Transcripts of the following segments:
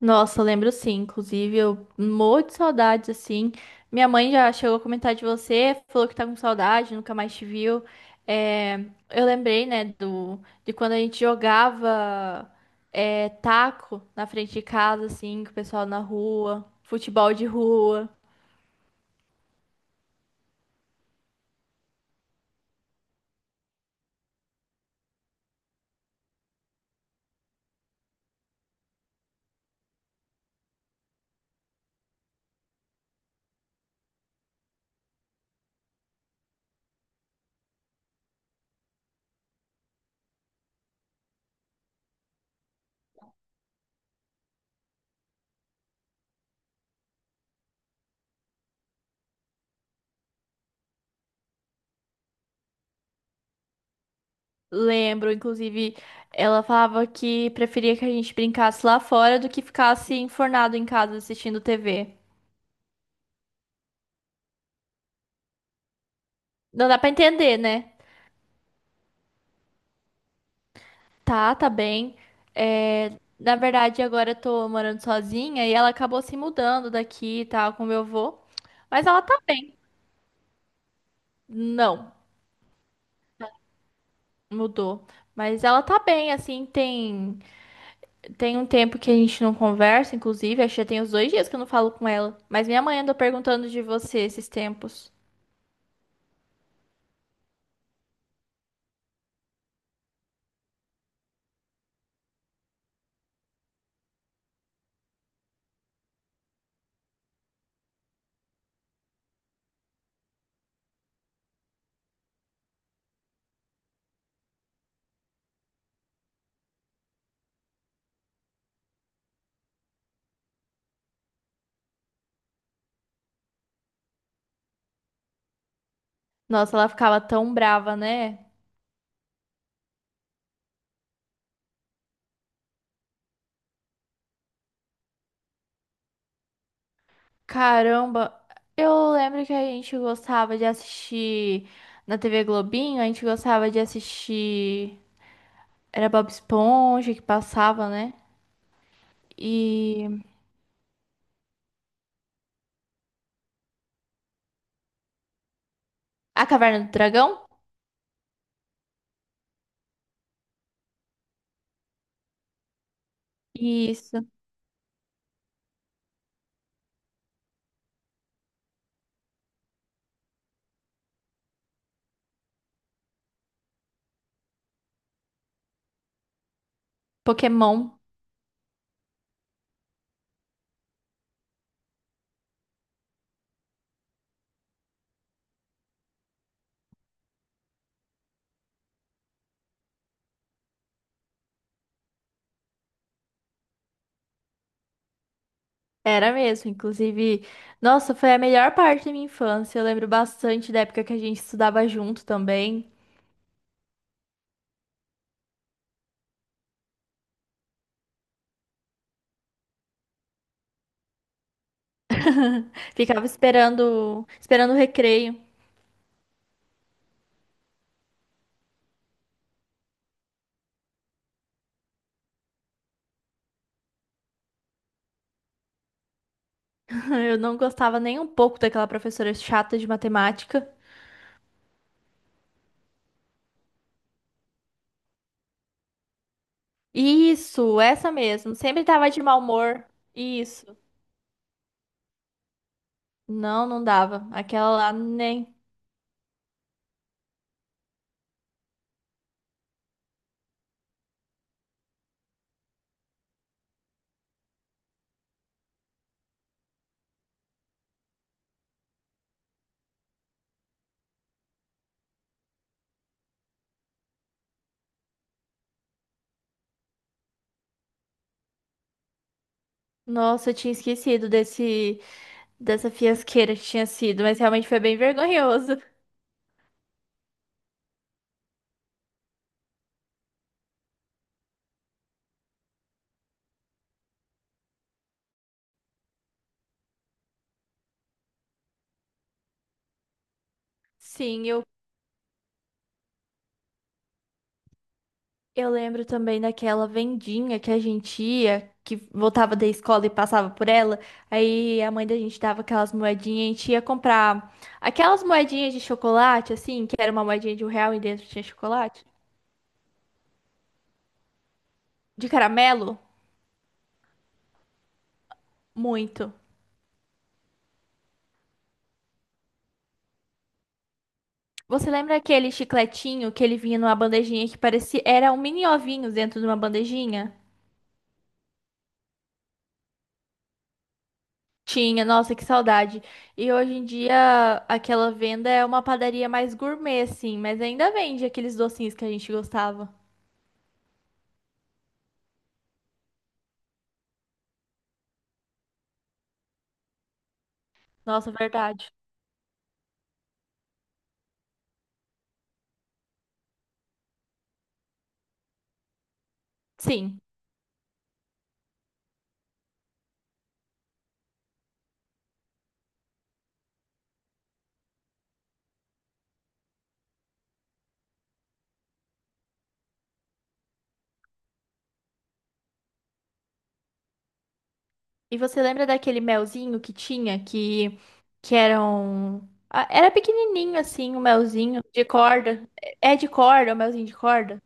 Nossa, eu lembro sim. Inclusive, eu morro de saudades, assim. Minha mãe já chegou a comentar de você, falou que tá com saudade, nunca mais te viu. É, eu lembrei, né, do, de quando a gente jogava é, taco na frente de casa, assim, com o pessoal na rua, futebol de rua. Lembro, inclusive, ela falava que preferia que a gente brincasse lá fora do que ficasse enfornado em casa assistindo TV. Não dá pra entender, né? Tá, tá bem. É, na verdade, agora eu tô morando sozinha e ela acabou se mudando daqui e tal, com meu avô. Mas ela tá bem. Não, mudou. Mas ela tá bem, assim, tem, tem um tempo que a gente não conversa, inclusive, acho que já tem uns 2 dias que eu não falo com ela. Mas minha mãe andou perguntando de você esses tempos. Nossa, ela ficava tão brava, né? Caramba, eu lembro que a gente gostava de assistir na TV Globinho, a gente gostava de assistir. Era Bob Esponja que passava, né? E A Caverna do Dragão? Isso. Pokémon. Era mesmo, inclusive. Nossa, foi a melhor parte da minha infância. Eu lembro bastante da época que a gente estudava junto também. Ficava esperando, esperando o recreio. Eu não gostava nem um pouco daquela professora chata de matemática. Isso, essa mesmo. Sempre tava de mau humor. Isso. Não, não dava. Aquela lá nem. Nossa, eu tinha esquecido desse dessa fiasqueira que tinha sido, mas realmente foi bem vergonhoso. Sim, eu lembro também daquela vendinha que a gente ia, que voltava da escola e passava por ela. Aí a mãe da gente dava aquelas moedinhas, a gente ia comprar aquelas moedinhas de chocolate, assim, que era uma moedinha de um real e dentro tinha chocolate. De caramelo? Muito. Você lembra aquele chicletinho que ele vinha numa bandejinha que parecia. Era um mini ovinho dentro de uma bandejinha? Tinha, nossa, que saudade. E hoje em dia aquela venda é uma padaria mais gourmet, assim, mas ainda vende aqueles docinhos que a gente gostava. Nossa, verdade. Sim. E você lembra daquele melzinho que tinha, que era um ah, era pequenininho, assim, o melzinho de corda. É é de corda, o melzinho de corda?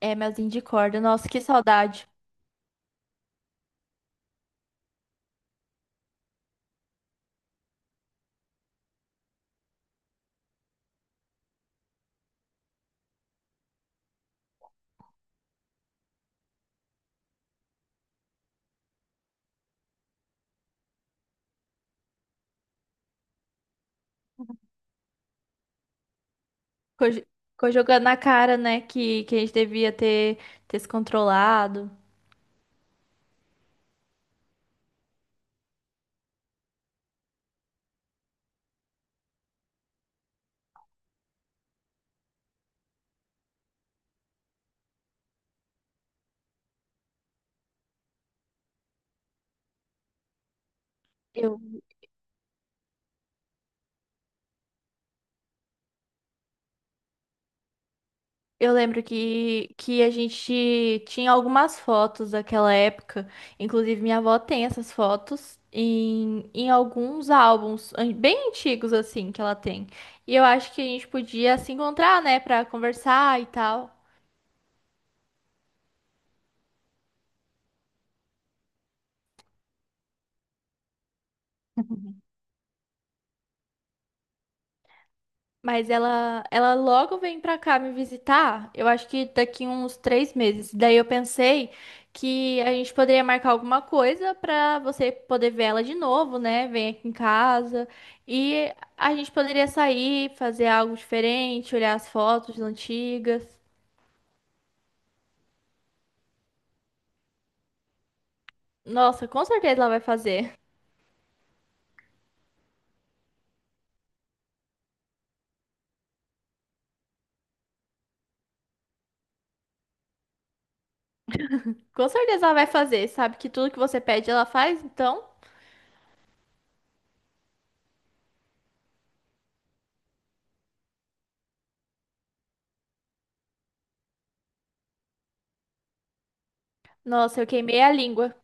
É, melzinho de corda. Nossa, que saudade. Ficou jo- Ficou jogando na cara, né, que a gente devia ter se controlado. Eu Eu lembro que a gente tinha algumas fotos daquela época. Inclusive, minha avó tem essas fotos em alguns bem antigos, assim, que ela tem. E eu acho que a gente podia se encontrar, né, pra conversar e tal. Mas ela logo vem pra cá me visitar, eu acho que daqui uns 3 meses. Daí eu pensei que a gente poderia marcar alguma coisa pra você poder ver ela de novo, né? Vem aqui em casa. E a gente poderia sair, fazer algo diferente, olhar as fotos antigas. Nossa, com certeza ela vai fazer. Com certeza ela vai fazer. Sabe que tudo que você pede ela faz, então. Nossa, eu queimei a língua.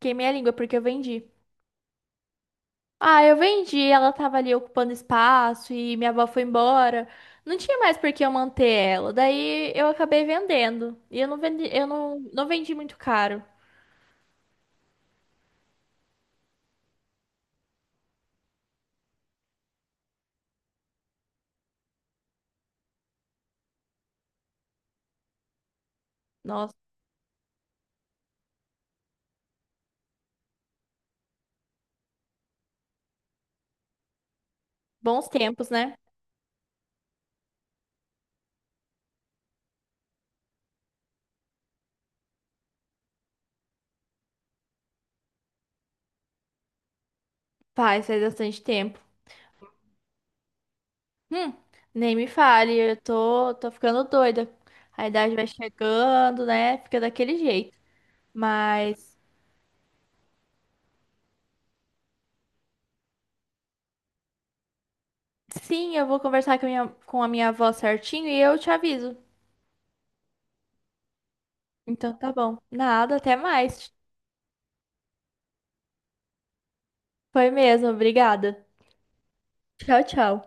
Queimei a língua porque eu vendi. Ah, eu vendi, ela tava ali ocupando espaço e minha avó foi embora. Não tinha mais por que eu manter ela. Daí eu acabei vendendo. E eu não vendi, eu não, não vendi muito caro. Nossa, bons tempos, né? Faz, faz bastante tempo. Hum, nem me fale, tô ficando doida. A idade vai chegando, né? Fica daquele jeito. Mas sim, eu vou conversar com a com a minha avó certinho e eu te aviso. Então tá bom. Nada, até mais. Foi mesmo, obrigada. Tchau, tchau.